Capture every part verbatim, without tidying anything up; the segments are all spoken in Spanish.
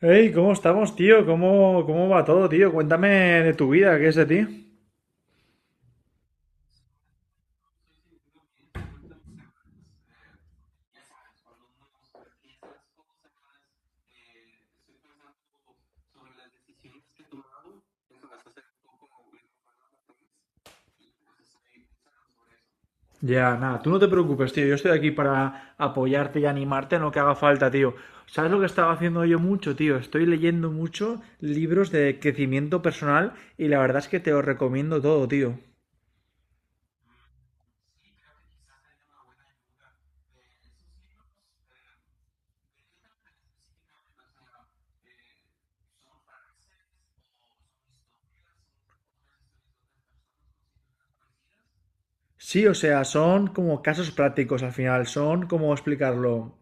Hey, ¿cómo estamos, tío? ¿Cómo, cómo va todo, tío? Cuéntame de tu vida, ¿qué es de ti? Ya, nada, tú no te preocupes, tío. Yo estoy aquí para apoyarte y animarte en lo que haga falta, tío. ¿Sabes lo que estaba haciendo yo mucho, tío? Estoy leyendo mucho libros de crecimiento personal y la verdad es que te los recomiendo todo, tío. Sí, o sea, son como casos prácticos al final, son como explicarlo.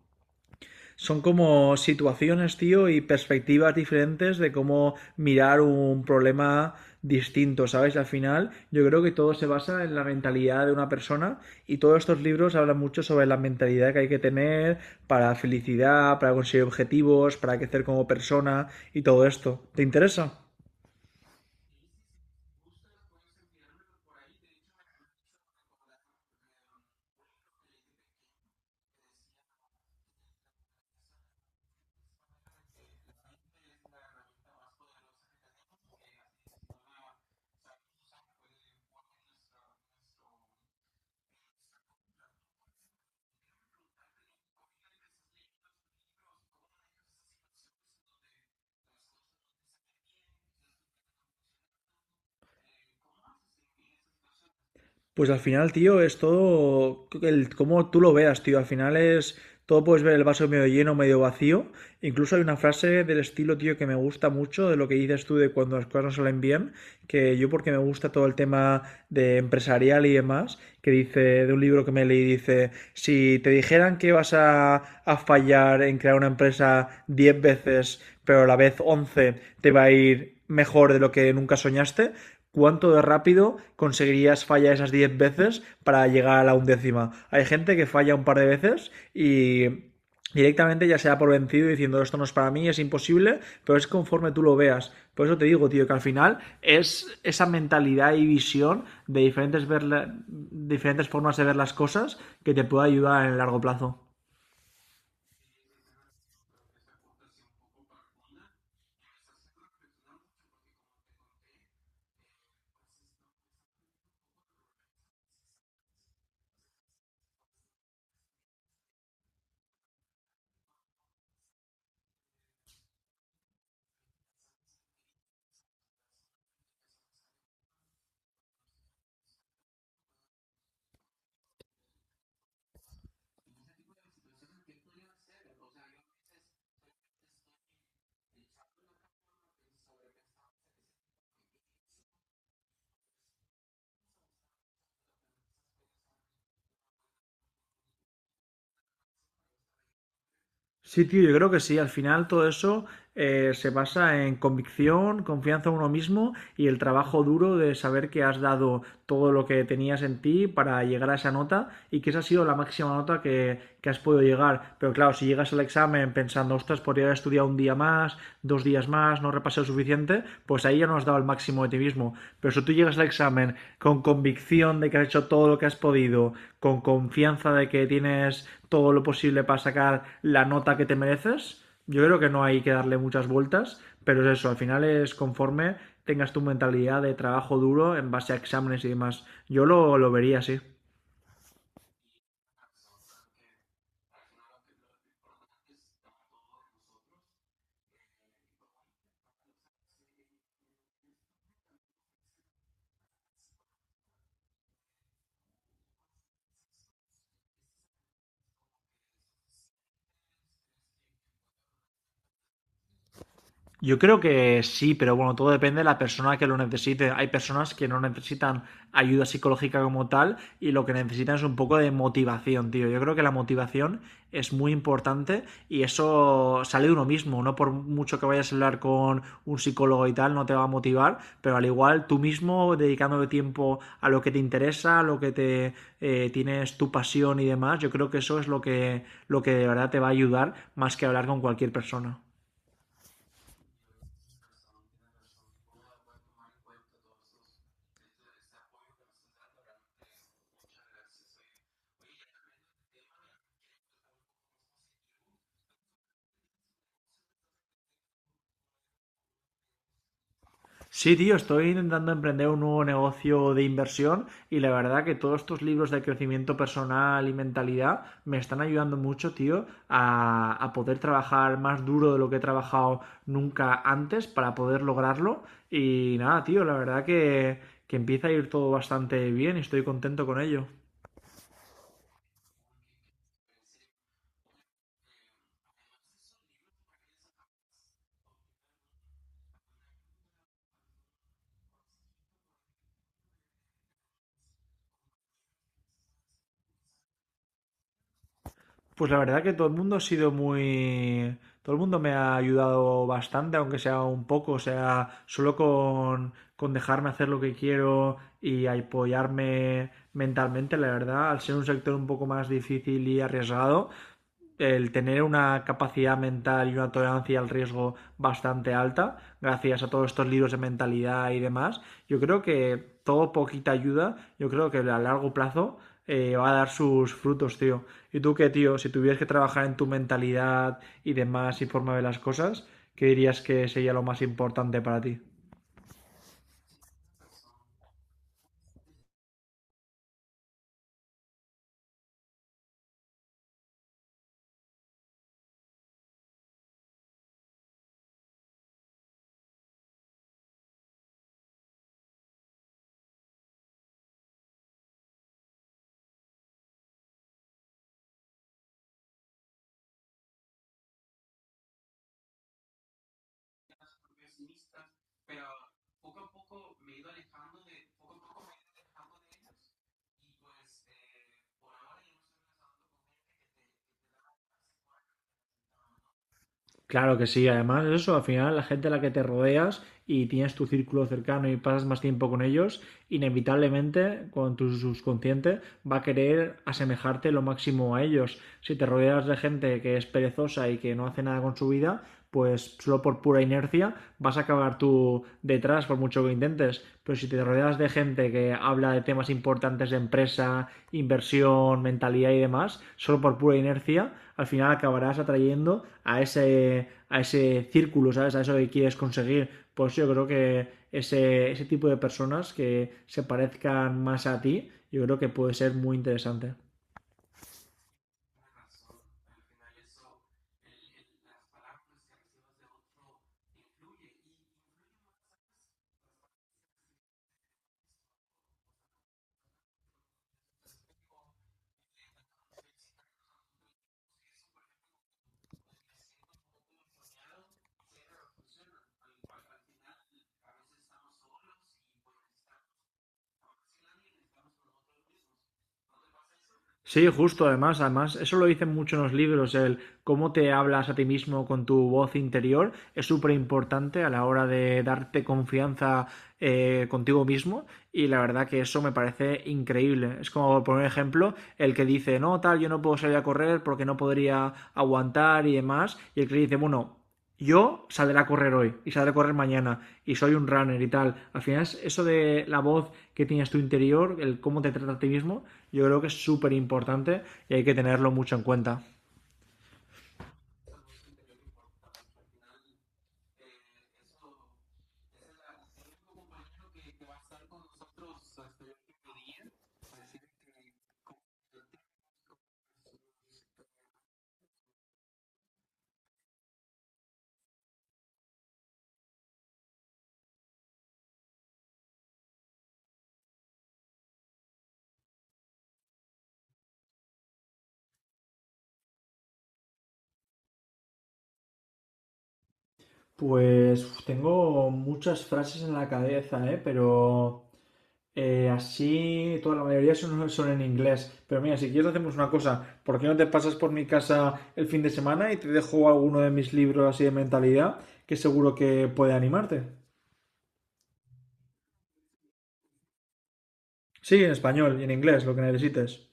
Son como situaciones, tío, y perspectivas diferentes de cómo mirar un problema distinto, ¿sabes? Al final, yo creo que todo se basa en la mentalidad de una persona y todos estos libros hablan mucho sobre la mentalidad que hay que tener para felicidad, para conseguir objetivos, para crecer como persona y todo esto. ¿Te interesa? Pues al final, tío, es todo el cómo tú lo veas, tío. Al final es todo, puedes ver el vaso medio lleno, medio vacío. Incluso hay una frase del estilo, tío, que me gusta mucho de lo que dices tú de cuando las cosas no salen bien, que yo porque me gusta todo el tema de empresarial y demás, que dice de un libro que me leí, dice, si te dijeran que vas a, a fallar en crear una empresa diez veces, pero a la vez once te va a ir mejor de lo que nunca soñaste, ¿cuánto de rápido conseguirías fallar esas diez veces para llegar a la undécima? Hay gente que falla un par de veces y directamente ya se da por vencido diciendo esto no es para mí, es imposible, pero es conforme tú lo veas. Por eso te digo, tío, que al final es esa mentalidad y visión de diferentes, ver la- diferentes formas de ver las cosas que te puede ayudar en el largo plazo. Sí, tío, yo creo que sí. Al final todo eso eh, se basa en convicción, confianza en uno mismo y el trabajo duro de saber que has dado todo lo que tenías en ti para llegar a esa nota y que esa ha sido la máxima nota que, que has podido llegar. Pero claro, si llegas al examen pensando, ostras, podría haber estudiado un día más, dos días más, no repasé lo suficiente, pues ahí ya no has dado el máximo de ti mismo. Pero si tú llegas al examen con convicción de que has hecho todo lo que has podido, con confianza de que tienes todo lo posible para sacar la nota que te mereces, yo creo que no hay que darle muchas vueltas, pero es eso, al final es conforme tengas tu mentalidad de trabajo duro en base a exámenes y demás. Yo lo, lo vería así. Yo creo que sí, pero bueno, todo depende de la persona que lo necesite. Hay personas que no necesitan ayuda psicológica como tal y lo que necesitan es un poco de motivación, tío. Yo creo que la motivación es muy importante y eso sale de uno mismo, no por mucho que vayas a hablar con un psicólogo y tal, no te va a motivar, pero al igual tú mismo dedicándole tiempo a lo que te interesa, a lo que te eh, tienes tu pasión y demás, yo creo que eso es lo que, lo que de verdad te va a ayudar más que hablar con cualquier persona. Sí, tío, estoy intentando emprender un nuevo negocio de inversión y la verdad que todos tus libros de crecimiento personal y mentalidad me están ayudando mucho, tío, a, a poder trabajar más duro de lo que he trabajado nunca antes para poder lograrlo. Y nada, tío, la verdad que, que empieza a ir todo bastante bien y estoy contento con ello. Pues la verdad que todo el mundo ha sido muy... Todo el mundo me ha ayudado bastante, aunque sea un poco, o sea, solo con, con dejarme hacer lo que quiero y apoyarme mentalmente, la verdad, al ser un sector un poco más difícil y arriesgado, el tener una capacidad mental y una tolerancia al riesgo bastante alta, gracias a todos estos libros de mentalidad y demás, yo creo que todo poquita ayuda, yo creo que a largo plazo eh, va a dar sus frutos, tío. ¿Y tú qué, tío? Si tuvieras que trabajar en tu mentalidad y demás y forma de las cosas, ¿qué dirías que sería lo más importante para ti? Claro que sí, además eso, al final la gente a la que te rodeas y tienes tu círculo cercano y pasas más tiempo con ellos, inevitablemente con tu subconsciente va a querer asemejarte lo máximo a ellos. Si te rodeas de gente que es perezosa y que no hace nada con su vida, pues solo por pura inercia vas a acabar tú detrás por mucho que intentes. Pero si te rodeas de gente que habla de temas importantes de empresa, inversión, mentalidad y demás, solo por pura inercia, al final acabarás atrayendo a ese, a ese círculo, ¿sabes? A eso que quieres conseguir. Pues yo creo que ese, ese tipo de personas que se parezcan más a ti, yo creo que puede ser muy interesante. Sí, justo, además, además, eso lo dicen mucho en los libros, el cómo te hablas a ti mismo con tu voz interior es súper importante a la hora de darte confianza eh, contigo mismo y la verdad que eso me parece increíble. Es como, por ejemplo, el que dice, no, tal, yo no puedo salir a correr porque no podría aguantar y demás, y el que dice, bueno, yo saldré a correr hoy y saldré a correr mañana y soy un runner y tal. Al final, es eso de la voz que tienes tu interior, el cómo te trata a ti mismo, yo creo que es súper importante y hay que tenerlo mucho en cuenta. Pues tengo muchas frases en la cabeza, ¿eh? Pero eh, así toda la mayoría son, son en inglés. Pero mira, si quieres hacemos una cosa, ¿por qué no te pasas por mi casa el fin de semana y te dejo alguno de mis libros así de mentalidad que seguro que puede animarte? Sí, en español y en inglés, lo que necesites.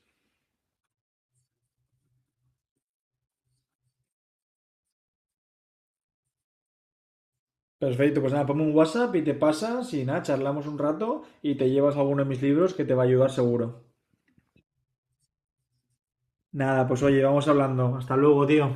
Perfecto, pues nada, ponme un guasap y te pasas y nada, charlamos un rato y te llevas alguno de mis libros que te va a ayudar seguro. Nada, pues oye, vamos hablando. Hasta luego, tío.